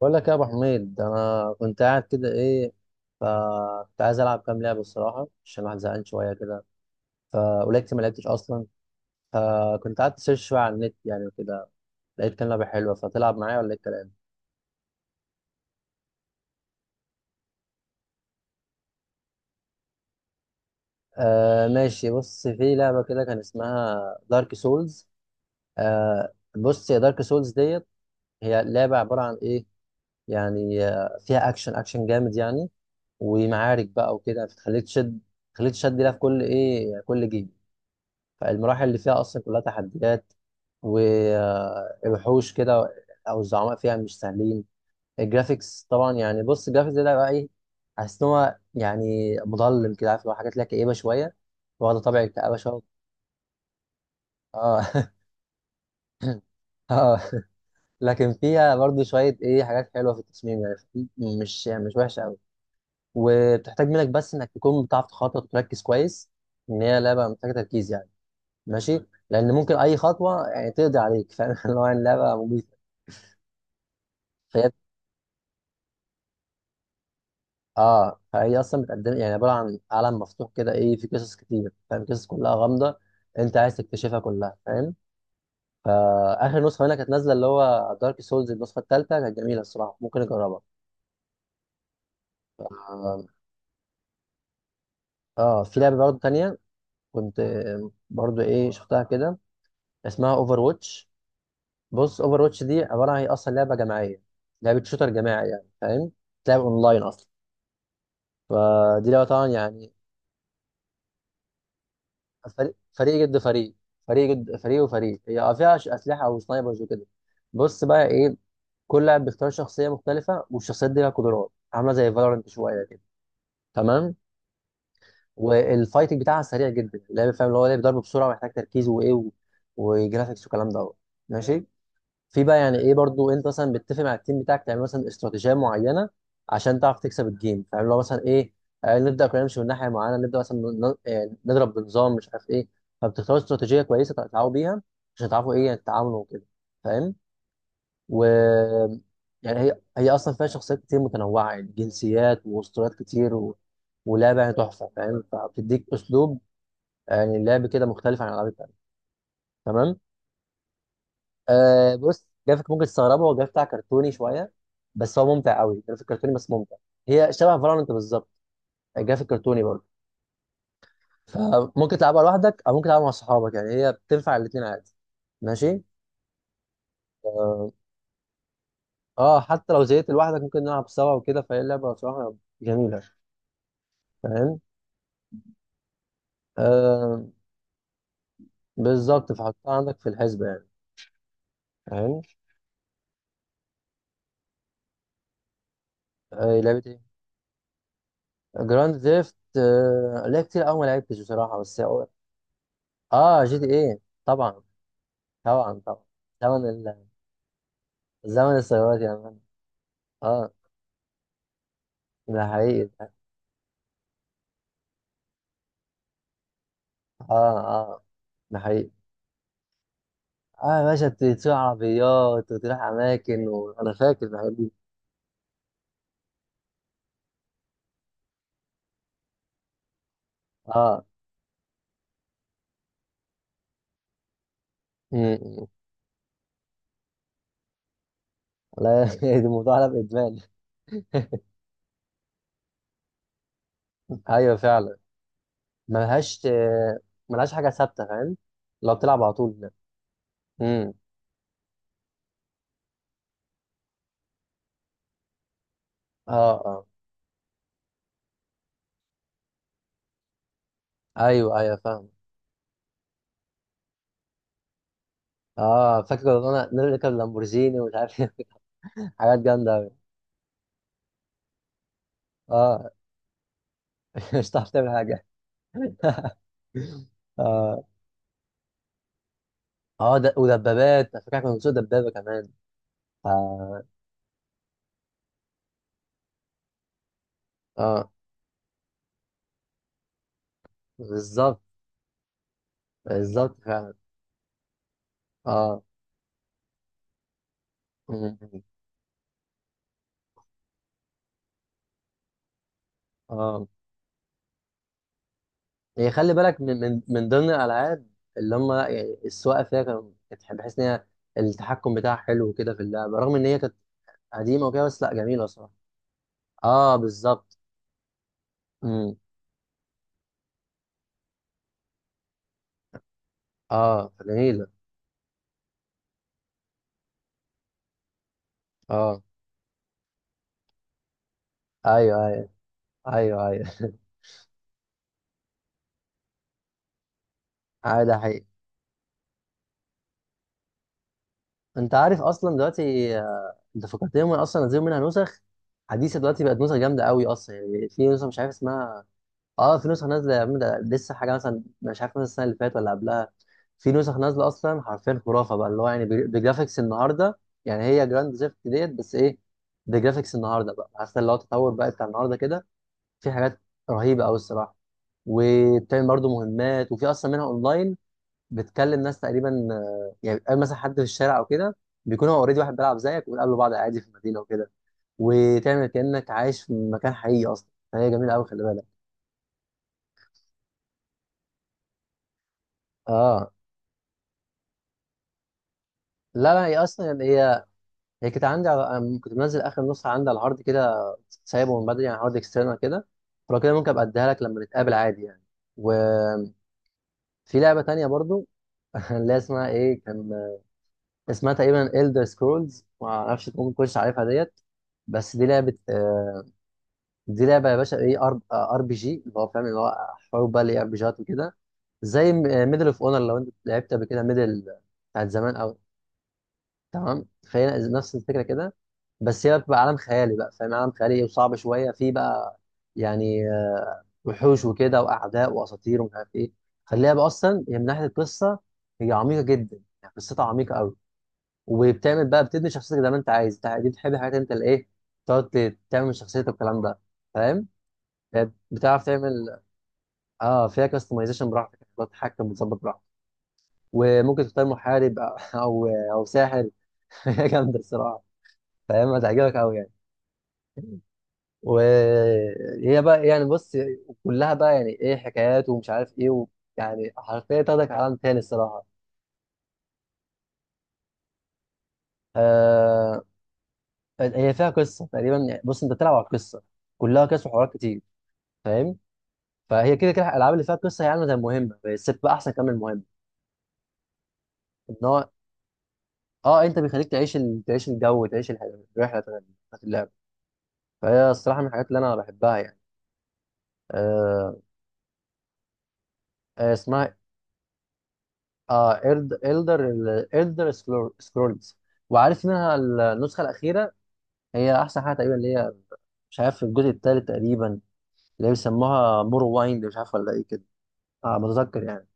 بقول لك يا ابو حميد انا كنت قاعد كده ايه. فكنت عايز العب كام لعبه الصراحه عشان الواحد زهقان شويه كده. فقلت ما لعبتش اصلا. فكنت قاعد سيرش شويه على النت يعني وكده. لقيت كام لعبه حلوه. فتلعب معايا ولا ايه الكلام؟ آه ماشي، بص في لعبه كده كان اسمها دارك سولز. آه بص يا دارك سولز ديت. هي لعبه عباره عن ايه؟ يعني فيها اكشن اكشن جامد يعني. ومعارك بقى وكده فتخليك تشد. تخليك تشد لها في كل كل جيم. فالمراحل اللي فيها اصلا كلها تحديات. ووحوش كده او الزعماء فيها مش سهلين. الجرافيكس طبعا يعني بص الجرافيكس ده بقى ايه؟ حاسس ان هو يعني مظلم كده عارف اللي هو حاجات ليها كئيبه شويه. واخده طابع الكآبه شويه. اه اه. لكن فيها برضو شويه ايه حاجات حلوه في التصميم يعني مش وحشه قوي. وبتحتاج منك بس انك تكون بتعرف تخطط وتركز كويس. ان هي لعبه محتاجه تركيز يعني. ماشي لان ممكن اي خطوه يعني تقضي عليك فاهم اللي هو يعني لعبه. فهي اه فهي اصلا بتقدم يعني عباره عن عالم مفتوح كده ايه. في قصص كتير فاهم، قصص كلها غامضه. انت عايز تكتشفها كلها فاهم. فاخر نسخه منها كانت نازله اللي هو دارك سولز النسخه الثالثه كانت جميله الصراحه. ممكن اجربها. اه في لعبه برضه تانية. كنت برضه ايه شفتها كده. اسمها اوفر واتش. بص اوفر واتش دي عباره عن هي اصلا لعبه جماعيه. لعبه شوتر جماعي يعني فاهم. تلعب اونلاين اصلا. فدي لعبه طبعا يعني فريق ضد فريق. فريق ضد فريق وفريق هي يعني فيها اسلحه او سنايبرز وكده. بص بقى ايه. كل لاعب بيختار شخصيه مختلفه والشخصيات دي لها قدرات عامله زي فالورنت شويه كده. تمام. والفايتنج بتاعها سريع جدا اللعب فاهم اللي هو لعب ضرب بسرعه ومحتاج تركيز وايه و... وجرافيكس والكلام دوت. ماشي. في بقى يعني ايه برضو انت مثلا بتتفق مع التيم بتاعك تعمل مثلا استراتيجيه معينه عشان تعرف تكسب الجيم فاهم. لو مثلا ايه نبدا كلنا نمشي من ناحيه معينه، نبدا مثلا نضرب بنظام مش عارف ايه. فبتختاروا استراتيجيه كويسه تتعاونوا بيها عشان تعرفوا ايه يعني تتعاملوا وكده. فاهم. و... يعني هي اصلا فيها شخصيات كتير متنوعه يعني جنسيات واسطوريات كتير و... ولعبه يعني تحفه فاهم. فبتديك اسلوب يعني لعب كده مختلف عن الالعاب التانيه. تمام. أه بص جرافيك ممكن تستغربه. هو الجرافيك بتاع كرتوني شويه بس هو ممتع قوي. جرافيك كرتوني بس ممتع. هي شبه فالورانت بالظبط. جرافيك كرتوني برضه. فممكن تلعبها لوحدك او ممكن تلعبها مع صحابك يعني هي بتنفع الاثنين عادي. ماشي. اه حتى لو زهقت لوحدك ممكن نلعب سوا وكده. فهي لعبه بصراحه جميله. فاهم. آه بالظبط. فحطها عندك في الحسبه يعني. فاهم. آه لعبه ايه؟ جراند ثيفت آه لعبة كتير قوي ما لعبتش بصراحه بس. اه جي تي ايه. طبعا. طبعا طبعا. طبعا. زمن السيارات يا مان. اه ده حقيقي اه. اه ده حقيقي. اه يا باشا تسوق عربيات وتروح اماكن، وانا فاكر الحاجات دي. اه. امم. لا ده الموضوع ده ادمان. ايوه فعلا. ملهاش ملهاش حاجه ثابته فاهم. لو بتلعب على طول ده. امم. اه اه. ايوه ايوه فاهم. اه فاكر كنا انا نركب لامبورجيني ومش عارف إيه. حاجات جامده قوي. اه مش هتعرف تعمل حاجه. اه. اه ده ودبابات على فكره كنا بنسوق دبابه كمان. ف- اه بالظبط. بالظبط فعلا. اه م- م- اه. يعني خلي بالك من ضمن الالعاب اللي هم يعني السواقه فيها كانوا كانت بحيث ان هي التحكم بتاعها حلو كده في اللعبه. رغم ان هي كانت قديمه وكده بس لا جميله صراحه. اه بالظبط. امم. اه جميله. اه ايوه ايوه. ايوه ايوه ايوه ده حقيقي. انت عارف اصلا دلوقتي انت فكرتني هم اصلا نزلوا منها نسخ حديثه دلوقتي. بقت نسخ جامده قوي اصلا يعني. في نسخه مش عارف اسمها. اه في نسخ نازله يا عم. ده لسه حاجه مثلا مش عارف مثلا السنه اللي فاتت ولا قبلها في نسخ نازله اصلا. حرفيا خرافه بقى اللي هو يعني بجرافيكس النهارده. يعني هي جراند ثيفت ديت بس ايه بجرافيكس النهارده. بقى عارف اللي هو التطور بقى بتاع النهارده كده. في حاجات رهيبه قوي الصراحه. وبتعمل برضه مهمات. وفي اصلا منها اونلاين. بتكلم ناس تقريبا يعني بتقابل مثلا حد في الشارع او كده، بيكون هو اوريدي واحد بيلعب زيك، وبتقابلوا بعض عادي في المدينه وكده وتعمل كانك عايش في مكان حقيقي اصلا. فهي جميله قوي خلي بالك. اه. لا لا. هي اصلا يعني هي كانت عندي على... كنت منزل اخر نسخه عندي على الهارد كده، سايبه من بدري يعني هارد اكسترنال كده. فلو كده ممكن ابقى اديها لك لما نتقابل عادي يعني. وفي لعبه تانية برضو اللي هي اسمها ايه كان؟ اسمها تقريبا Elder Scrolls ما اعرفش ممكن تكونش عارفها ديت. بس دي لعبه دي لعبه يا باشا ايه ار ار بي جي اللي هو فاهم، اللي هو حروب بقى اللي ار بي جيات وكده. زي ميدل اوف اونر لو انت لعبت قبل كده ميدل بتاعت زمان او. تمام. فهي نفس الفكره كده. بس هي بتبقى عالم خيالي بقى فاهم، عالم خيالي وصعب شويه فيه بقى. يعني وحوش وكده واعداء واساطير ومش عارف ايه. خليها بقى. اصلا هي من ناحيه القصه هي عميقه جدا يعني. قصتها عميقه قوي. وبتعمل بقى بتبني شخصيتك زي ما انت عايز انت. دي بتحب حاجات انت الايه تقعد تعمل من شخصيتك والكلام ده. فاهم. هي بتعرف تعمل. اه فيها كاستمايزيشن براحتك بتقعد تتحكم وتظبط براحتك. وممكن تختار محارب او او أو ساحر هي جامده الصراحه. فاهم هتعجبك قوي يعني. وهي بقى يعني بص كلها بقى يعني ايه حكايات ومش عارف ايه و... يعني حرفيا تاخدك عالم تاني الصراحه. آه... هي فيها قصه تقريبا يعني. بص انت بتلعب على القصه كلها. قصص وحوارات كتير فاهم. فهي كده كده الالعاب اللي فيها قصه هي عامله زي المهمه بس بتبقى احسن كمان من المهمه. ان هو اه انت بيخليك تعيش ال... تعيش الجو تعيش الرحله بتاعت اللعب. فهي الصراحه من الحاجات اللي انا بحبها يعني. آه... اسمها اه إلدر إلدر سكرولز. وعارف منها النسخة الأخيرة. هي أحسن حاجة تقريبا اللي هي. مش عارف في الجزء الثالث تقريبا اللي هي بيسموها مور وايند مش عارف ولا إيه كده. اه بتذكر يعني.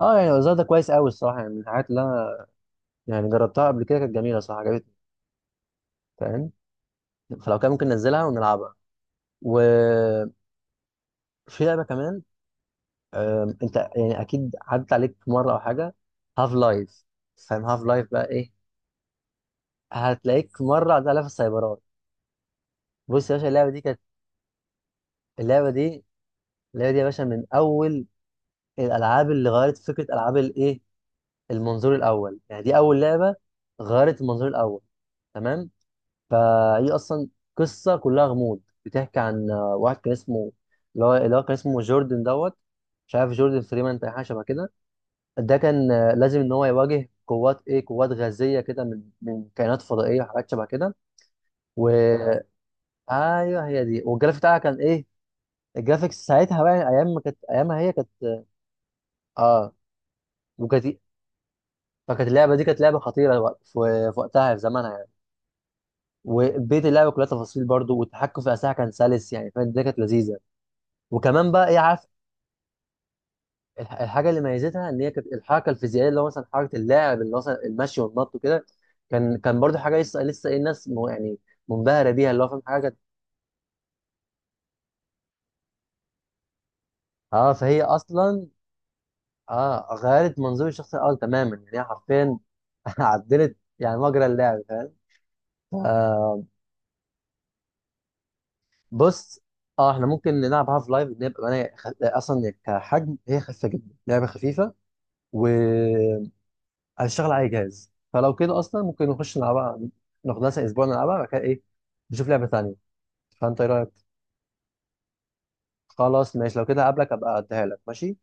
اه يعني الوزارة ده كويس قوي الصراحة يعني من الحاجات اللي أنا يعني جربتها قبل كده كانت جميلة صراحة عجبتني. فاهم. فلو كان ممكن ننزلها ونلعبها. وفي لعبة كمان. أنت يعني أكيد عدت عليك مرة أو حاجة. هاف لايف. فاهم هاف لايف بقى إيه. هتلاقيك مرة عدت عليها في السايبرات. بص يا باشا اللعبة دي كانت. اللعبه دي اللعبه دي يا باشا من اول الالعاب اللي غيرت فكره العاب المنظور الاول. يعني دي اول لعبه غيرت المنظور الاول. تمام. فهي اصلا قصه كلها غموض بتحكي عن واحد كان اسمه اللي هو كان اسمه جوردن دوت مش عارف جوردن فريمان تقريبا حاجه شبه كده. ده كان لازم ان هو يواجه قوات ايه قوات غازيه كده من كائنات فضائيه وحاجات شبه كده. و ايوه هي دي. والجرافيك بتاعها كان ايه الجرافيكس ساعتها بقى. ايام ما كانت ايامها هي كانت. اه وكانت. فكانت اللعبه دي كانت لعبه خطيره في وقتها في زمانها يعني. وبيت اللعبه كلها تفاصيل برضو. والتحكم في الاسلحه كان سلس يعني فاهم. دي كانت لذيذه. وكمان بقى ايه عارف الحاجه اللي ميزتها ان هي كانت الحركه الفيزيائيه اللي هو مثلا حركه اللاعب اللي هو مثلا المشي والنط وكده. كان برضو حاجه لسه ايه الناس يعني منبهره بيها اللي هو فاهم حاجه كانت- اه فهي اصلا اه غيرت منظور الشخص الاول تماما يعني. هي حرفيا عدلت يعني مجرى اللعب. فاهم. بص اه احنا ممكن نلعب هاف لايف نبقى انا اصلا كحجم هي خفيفه جدا لعبه خفيفه وهتشتغل على اي جهاز. فلو كده اصلا ممكن نخش نلعبها. ناخدها مثلا اسبوع نلعبها بعد كده ايه. نشوف لعبه ثانيه. فانت ايه رايك؟ خلاص ماشي لو كده هقابلك ابقى اديها لك ماشي.